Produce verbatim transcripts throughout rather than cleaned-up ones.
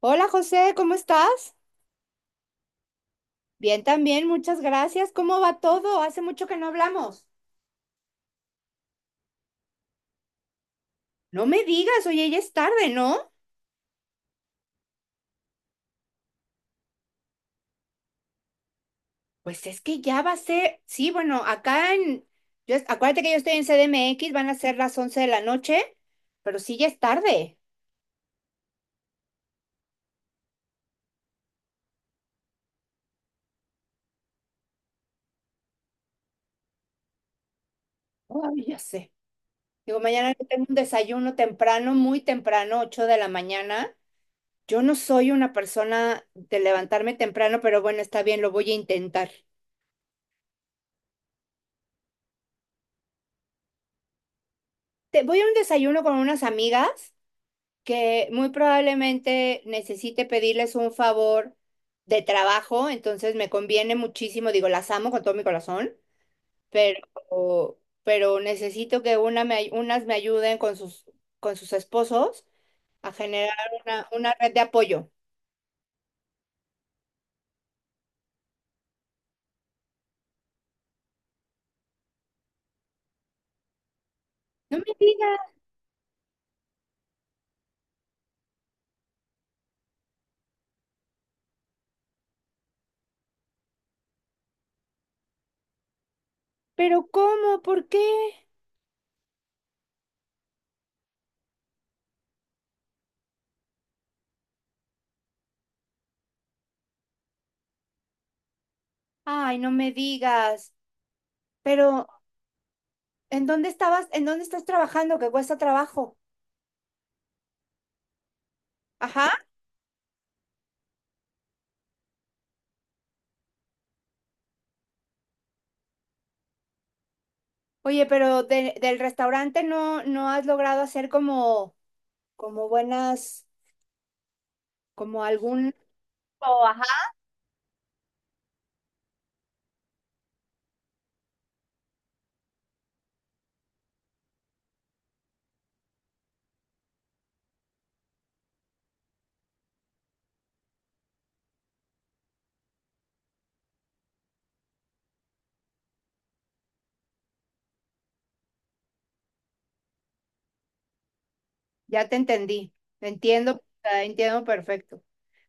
Hola José, ¿cómo estás? Bien también, muchas gracias. ¿Cómo va todo? Hace mucho que no hablamos. No me digas, oye, ya es tarde, ¿no? Pues es que ya va a ser, sí, bueno, acá en, yo, acuérdate que yo estoy en C D M X, van a ser las once de la noche, pero sí ya es tarde. Ay, ya sé. Digo, mañana yo tengo un desayuno temprano, muy temprano, ocho de la mañana. Yo no soy una persona de levantarme temprano, pero bueno, está bien, lo voy a intentar. Te, voy a un desayuno con unas amigas que muy probablemente necesite pedirles un favor de trabajo, entonces me conviene muchísimo, digo, las amo con todo mi corazón, pero, pero necesito que una me ay- unas me ayuden con sus, con sus esposos a generar una, una red de apoyo. No me digas, pero ¿cómo? ¿Por qué? Ay, no me digas, pero ¿en dónde estabas? ¿En dónde estás trabajando que cuesta trabajo? Ajá. Oye, pero de- del restaurante no, no has logrado hacer como. Como buenas, como algún. O, ajá, ya te entendí, entiendo, ah, entiendo perfecto.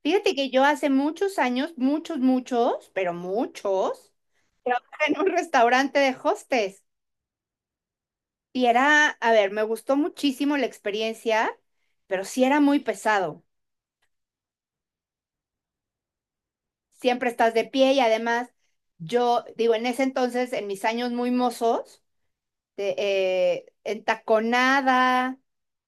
Fíjate que yo hace muchos años, muchos, muchos, pero muchos, trabajé en un restaurante de hostes y era, a ver, me gustó muchísimo la experiencia, pero sí era muy pesado. Siempre estás de pie y además yo, digo, en ese entonces, en mis años muy mozos, de, eh, entaconada.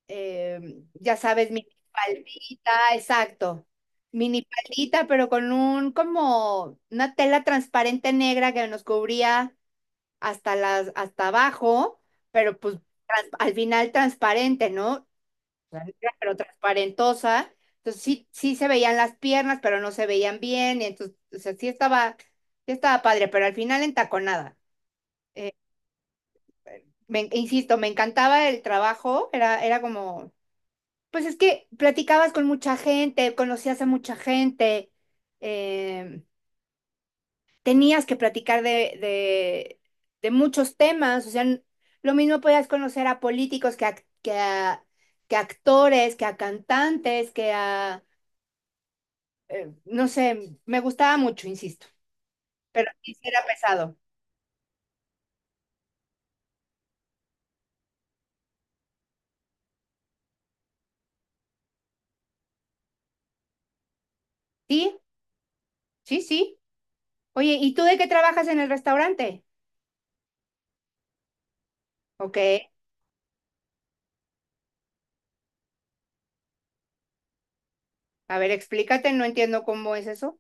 eh, ya sabes, minifaldita, exacto. Minifaldita, pero con un como una tela transparente negra que nos cubría hasta las, hasta abajo, pero pues trans- al final transparente, ¿no? O sea, negra, pero transparentosa. Entonces sí, sí se veían las piernas, pero no se veían bien. Y entonces, o sea, sí estaba, sí estaba padre, pero al final entaconada. Me, insisto, me encantaba el trabajo, era, era como. Pues es que platicabas con mucha gente, conocías a mucha gente, eh, tenías que platicar de, de, de muchos temas, o sea, n- lo mismo podías conocer a políticos que a, que a, que a actores, que a cantantes, que a, eh, no sé, me gustaba mucho, insisto, pero sí sí era pesado. Sí, sí, sí. Oye, ¿y tú de qué trabajas en el restaurante? Ok, a ver, explícate, no entiendo cómo es eso.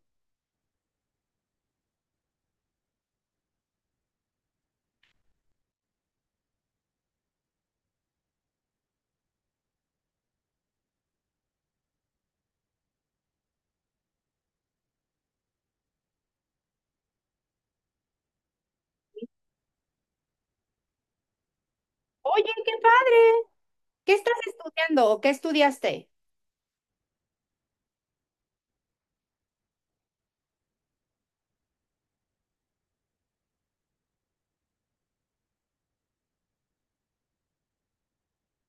Oye, qué padre. ¿Qué estás estudiando o qué estudiaste?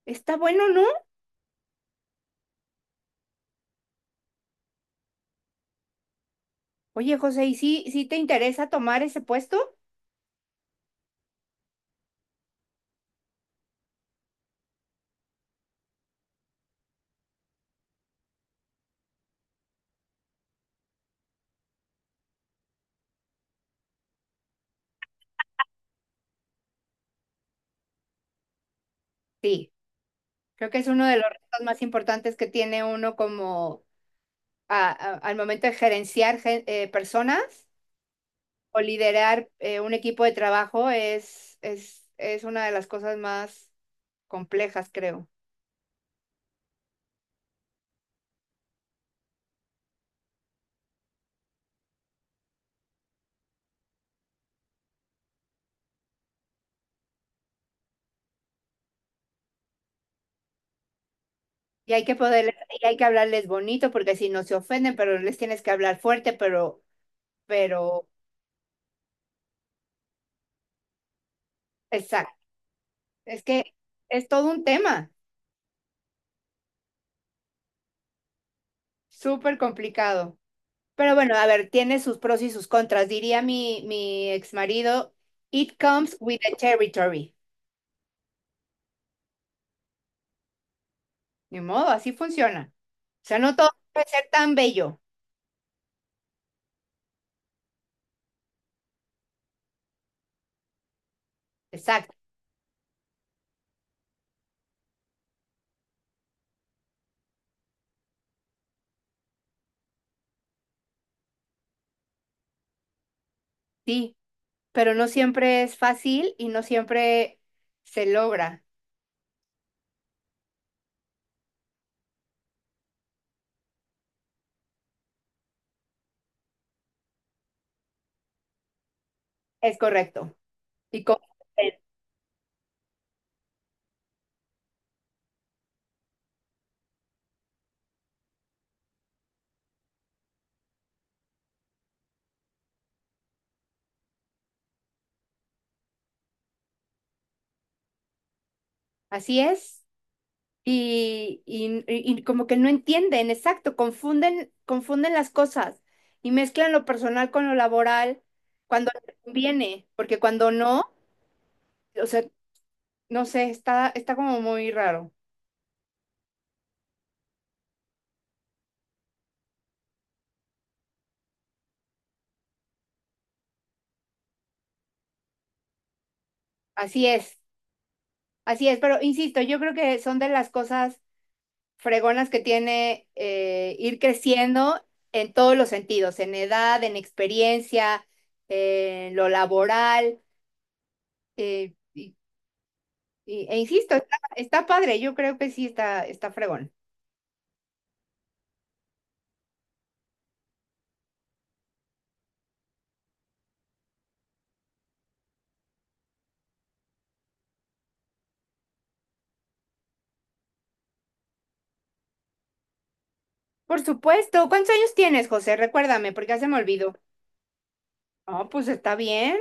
Está bueno, ¿no? Oye, José, ¿y sí, sí te interesa tomar ese puesto? Sí, creo que es uno de los retos más importantes que tiene uno como a- a- al momento de gerenciar gen- eh, personas o liderar eh, un equipo de trabajo es, es, es una de las cosas más complejas, creo. Y hay que poder, y hay que hablarles bonito porque si no se ofenden, pero les tienes que hablar fuerte, pero, pero, exacto. Es que es todo un tema. Súper complicado. Pero bueno, a ver, tiene sus pros y sus contras. Diría mi, mi ex marido, it comes with the territory. Ni modo, así funciona. O sea, no todo puede ser tan bello. Exacto, sí. Pero no siempre es fácil y no siempre se logra. Es correcto. Y con- así es. Y, y- y como que no entienden, exacto, confunden, confunden las cosas y mezclan lo personal con lo laboral cuando les conviene, porque cuando no, o sea, no sé, está, está como muy raro. Así es, así es, pero insisto, yo creo que son de las cosas fregonas que tiene eh, ir creciendo en todos los sentidos, en edad, en experiencia, en lo laboral. eh, Y- e insisto, está, está padre, yo creo que sí está, está fregón. Por supuesto, ¿cuántos años tienes, José? Recuérdame, porque ya se me olvidó. No, pues está bien.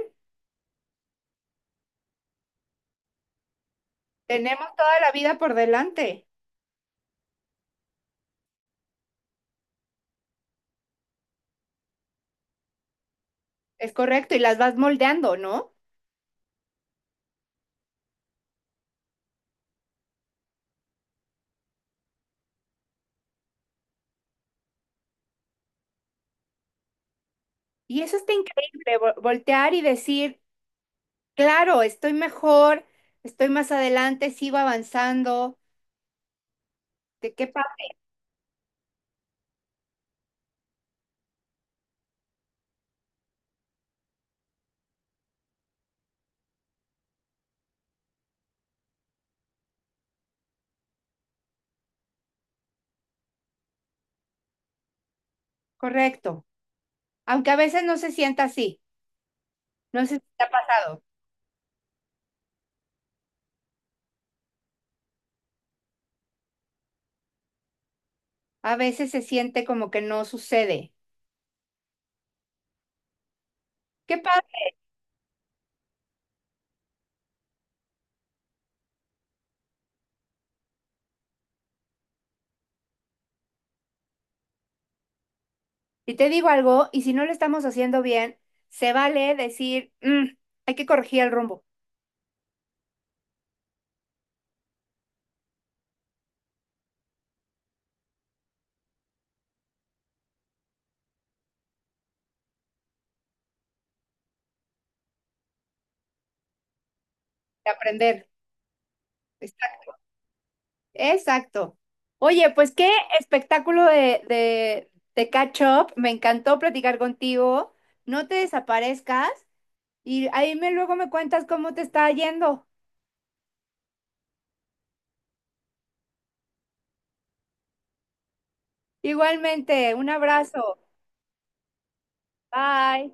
Tenemos toda la vida por delante. Es correcto, y las vas moldeando, ¿no? Y eso está increíble, vo- voltear y decir, claro, estoy mejor, estoy más adelante, sigo avanzando. ¿De qué pa- Correcto. Aunque a veces no se sienta así. No sé si te ha pasado. A veces se siente como que no sucede. ¿Qué pasa? Y te digo algo, y si no lo estamos haciendo bien, se vale decir, "Mm, hay que corregir el rumbo, aprender. Está- Exacto. Oye, pues qué espectáculo de, de, de catch up. Me encantó platicar contigo. No te desaparezcas y ahí me luego me cuentas cómo te está yendo. Igualmente, un abrazo. Bye.